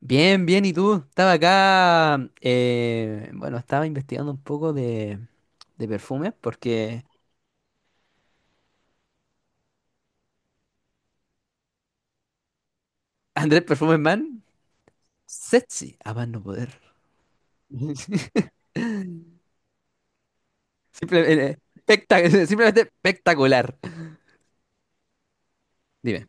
Bien, bien, ¿y tú? Estaba acá, bueno, estaba investigando un poco de perfumes porque Andrés Perfumes Man, sexy, a más no poder. Simplemente, simplemente espectacular. Dime,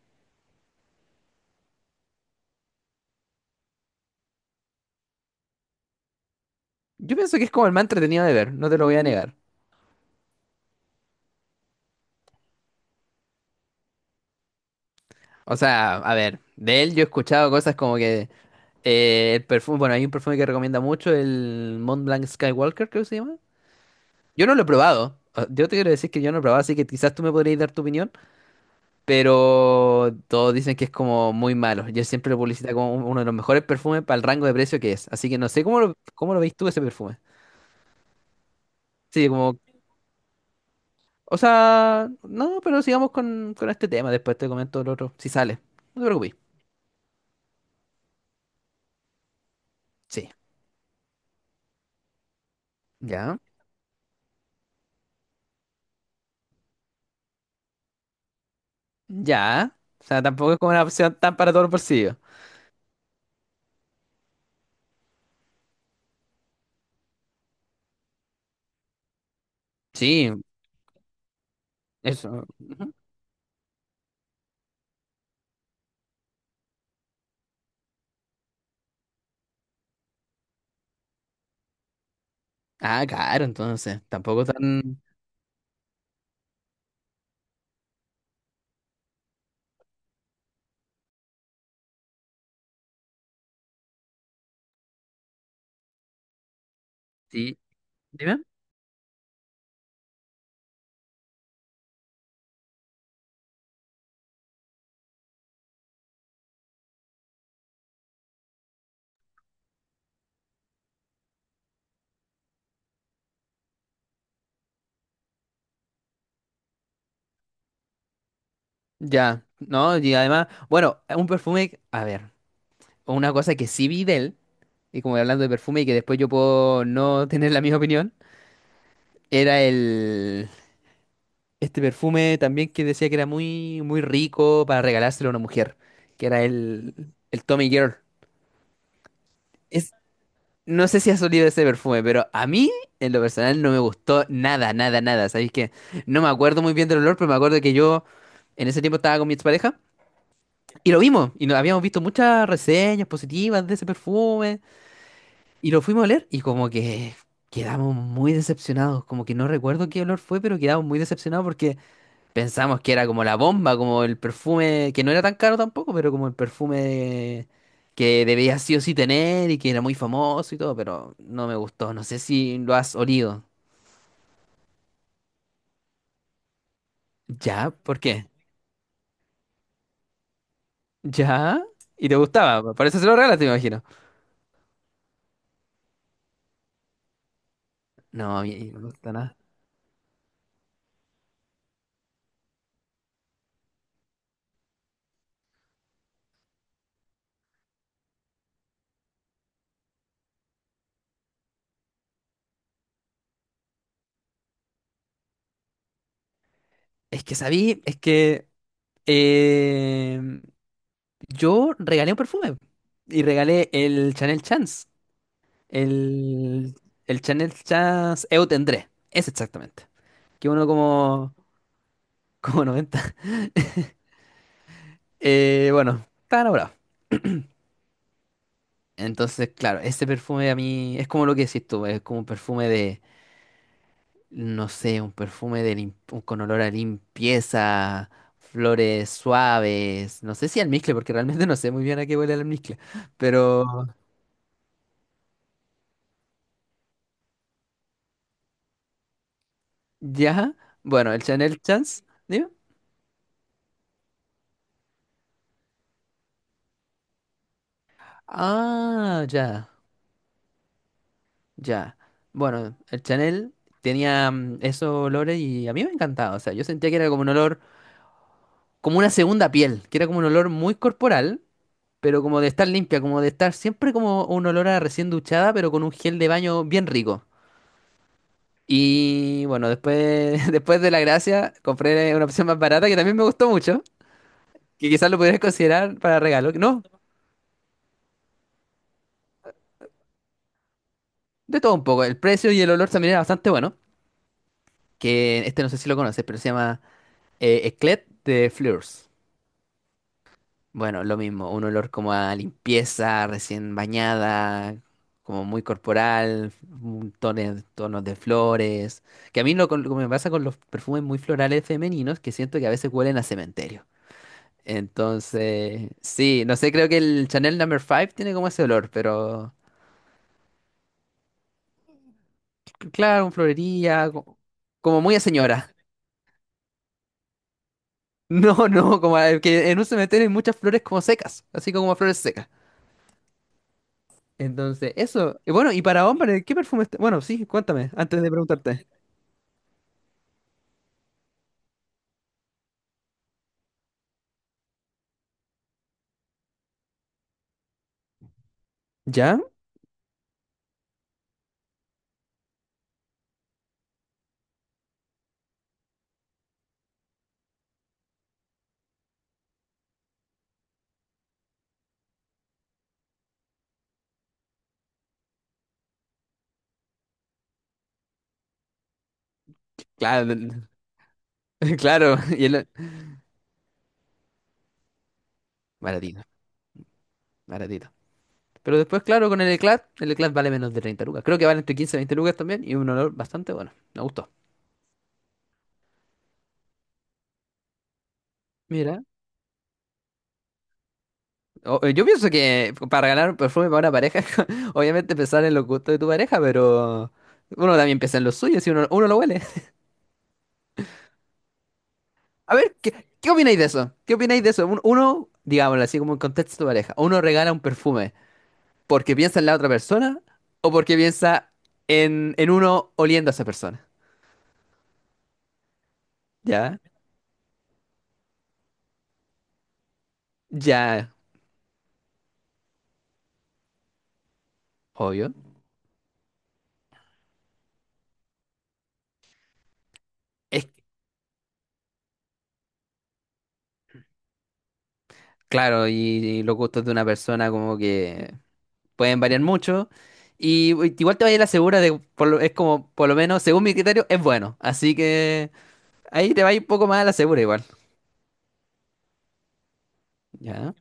yo pienso que es como el más entretenido de ver, no te lo voy a negar. O sea, a ver, de él yo he escuchado cosas como que el perfume, bueno, hay un perfume que recomienda mucho, el Mont Blanc Skywalker, creo que se llama. Yo no lo he probado. Yo te quiero decir que yo no lo he probado, así que quizás tú me podrías dar tu opinión. Pero todos dicen que es como muy malo. Yo siempre lo publicita como uno de los mejores perfumes para el rango de precio que es. Así que no sé cómo cómo lo veis tú ese perfume. Sí, como, o sea, no, pero sigamos con este tema. Después te comento el otro, si sale. No te preocupes. Sí. Ya. Ya. O sea, tampoco es como una opción tan para todos los bolsillos. Sí, eso. Ah, claro, entonces. Tampoco tan. Sí. Dime. Ya. No, y además, bueno, un perfume. A ver, una cosa que sí vi de él. Y como hablando de perfume y que después yo puedo no tener la misma opinión, era el este perfume también que decía que era muy muy rico para regalárselo a una mujer, que era el Tommy Girl. Es, no sé si has olido ese perfume, pero a mí en lo personal no me gustó nada, nada, nada. ¿Sabéis que no me acuerdo muy bien del olor? Pero me acuerdo que yo en ese tiempo estaba con mi expareja y lo vimos y no, habíamos visto muchas reseñas positivas de ese perfume. Y lo fuimos a oler y como que quedamos muy decepcionados, como que no recuerdo qué olor fue, pero quedamos muy decepcionados porque pensamos que era como la bomba, como el perfume, que no era tan caro tampoco, pero como el perfume que debía sí o sí tener y que era muy famoso y todo, pero no me gustó, no sé si lo has olido. ¿Ya? ¿Por qué? ¿Ya? ¿Y te gustaba? Por eso se lo regalaste, me imagino. No, a mí no me gusta nada. Es que sabí, es que... em, yo regalé un perfume y regalé el Chanel Chance, el, el Chanel Chance Eu Tendré, es exactamente, que uno como, como 90. Bueno, está enamorado. Entonces, claro, ese perfume a mí es como lo que decís tú, es como un perfume de, no sé, un perfume de con olor a limpieza, flores suaves, no sé si almizcle, porque realmente no sé muy bien a qué huele el almizcle, pero ya, bueno, el Chanel Chance, ¿sí? Ah, ya, ya. Bueno, el Chanel tenía esos olores y a mí me encantaba. O sea, yo sentía que era como un olor, como una segunda piel, que era como un olor muy corporal, pero como de estar limpia, como de estar siempre como un olor a recién duchada, pero con un gel de baño bien rico. Y bueno, después, después de la gracia, compré una opción más barata que también me gustó mucho, que quizás lo pudieras considerar para regalo. No, de todo un poco. El precio y el olor también era bastante bueno, que este no sé si lo conoces, pero se llama... Eclet de Fleurs. Bueno, lo mismo, un olor como a limpieza, recién bañada, como muy corporal, un tonos de flores. Que a mí lo que me pasa con los perfumes muy florales femeninos, que siento que a veces huelen a cementerio. Entonces, sí, no sé, creo que el Chanel Number 5 tiene como ese olor, pero claro, un florería, como muy a señora. No, no, que en un cementerio hay muchas flores como secas, así como flores secas. Entonces, eso. Y bueno, y para hombres, ¿qué perfume está? Bueno, sí, cuéntame, antes de preguntarte. ¿Ya? Claro, claro. Y el... Baratito, baratito. Pero después, claro, con el Eclat vale menos de 30 lucas. Creo que vale entre 15 y 20 lucas también y un olor bastante bueno. Me gustó. Mira, yo pienso que para ganar un perfume para una pareja, obviamente pensar en los gustos de tu pareja, pero uno también piensa en los suyos y uno lo huele. A ver, ¿qué opináis de eso? ¿Qué opináis de eso? Uno, digámoslo así como en contexto de pareja, uno regala un perfume porque piensa en la otra persona o porque piensa en uno oliendo a esa persona. ¿Ya? Ya, obvio. Es claro, y los gustos de una persona como que pueden variar mucho. Y igual te vaya a la segura de, es como, por lo menos, según mi criterio, es bueno. Así que ahí te va un poco más a la segura igual. ¿Ya?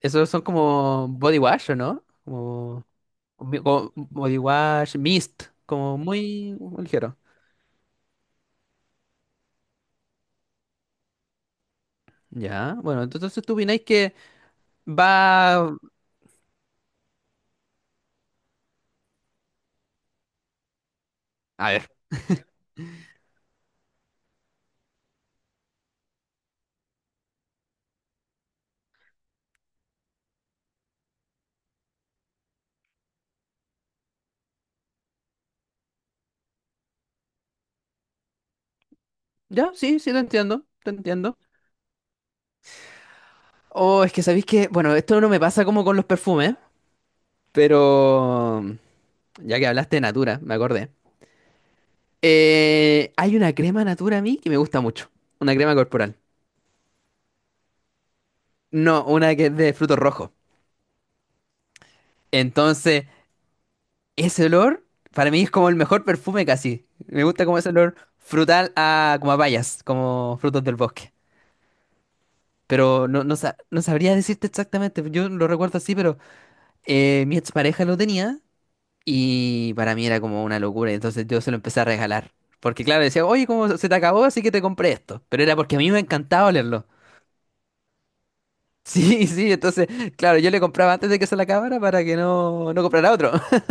Esos son como body wash, ¿o no? Como, como body wash, mist, como muy ligero. Ya, bueno, entonces tú opináis que va. A ver. Ya, sí, sí, te entiendo. Te entiendo. Oh, es que sabéis que. Bueno, esto no me pasa como con los perfumes. Pero. Ya que hablaste de Natura, me acordé. Hay una crema Natura a mí que me gusta mucho. Una crema corporal. No, una que es de frutos rojos. Entonces, ese olor para mí es como el mejor perfume casi. Me gusta como ese olor frutal a como a bayas, como frutos del bosque. Pero no, no, no sabría decirte exactamente, yo lo recuerdo así, pero mi expareja lo tenía y para mí era como una locura, entonces yo se lo empecé a regalar. Porque claro, decía, oye, ¿cómo se te acabó? Así que te compré esto. Pero era porque a mí me encantaba olerlo. Sí, sí, entonces, claro, yo le compraba antes de que se la acabara para que no comprara otro.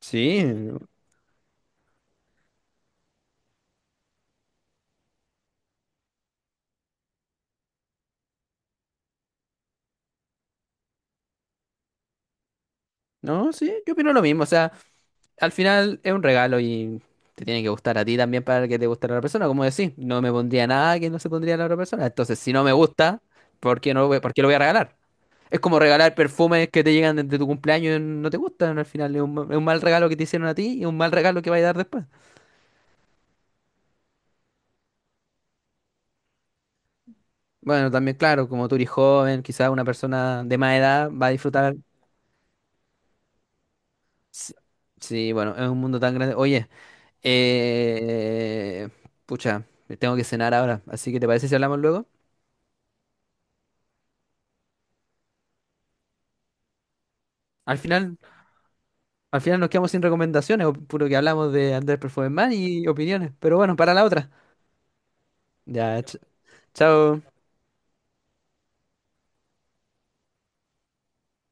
Sí, no, sí, yo opino lo mismo, o sea... al final es un regalo y te tiene que gustar a ti también para que te guste a la otra persona. Como decís, no me pondría nada que no se pondría a la otra persona. Entonces, si no me gusta, ¿por qué no por qué lo voy a regalar? Es como regalar perfumes que te llegan desde tu cumpleaños y no te gustan. Al final es es un mal regalo que te hicieron a ti y un mal regalo que va a dar después. Bueno, también, claro, como tú eres joven, quizás una persona de más edad va a disfrutar. Sí, sí, bueno, es un mundo tan grande. Oye, eh, pucha, tengo que cenar ahora. Así que, ¿te parece si hablamos luego? Al final. Al final nos quedamos sin recomendaciones, o puro que hablamos de Andrés Performance y opiniones. Pero bueno, para la otra. Ya, chao.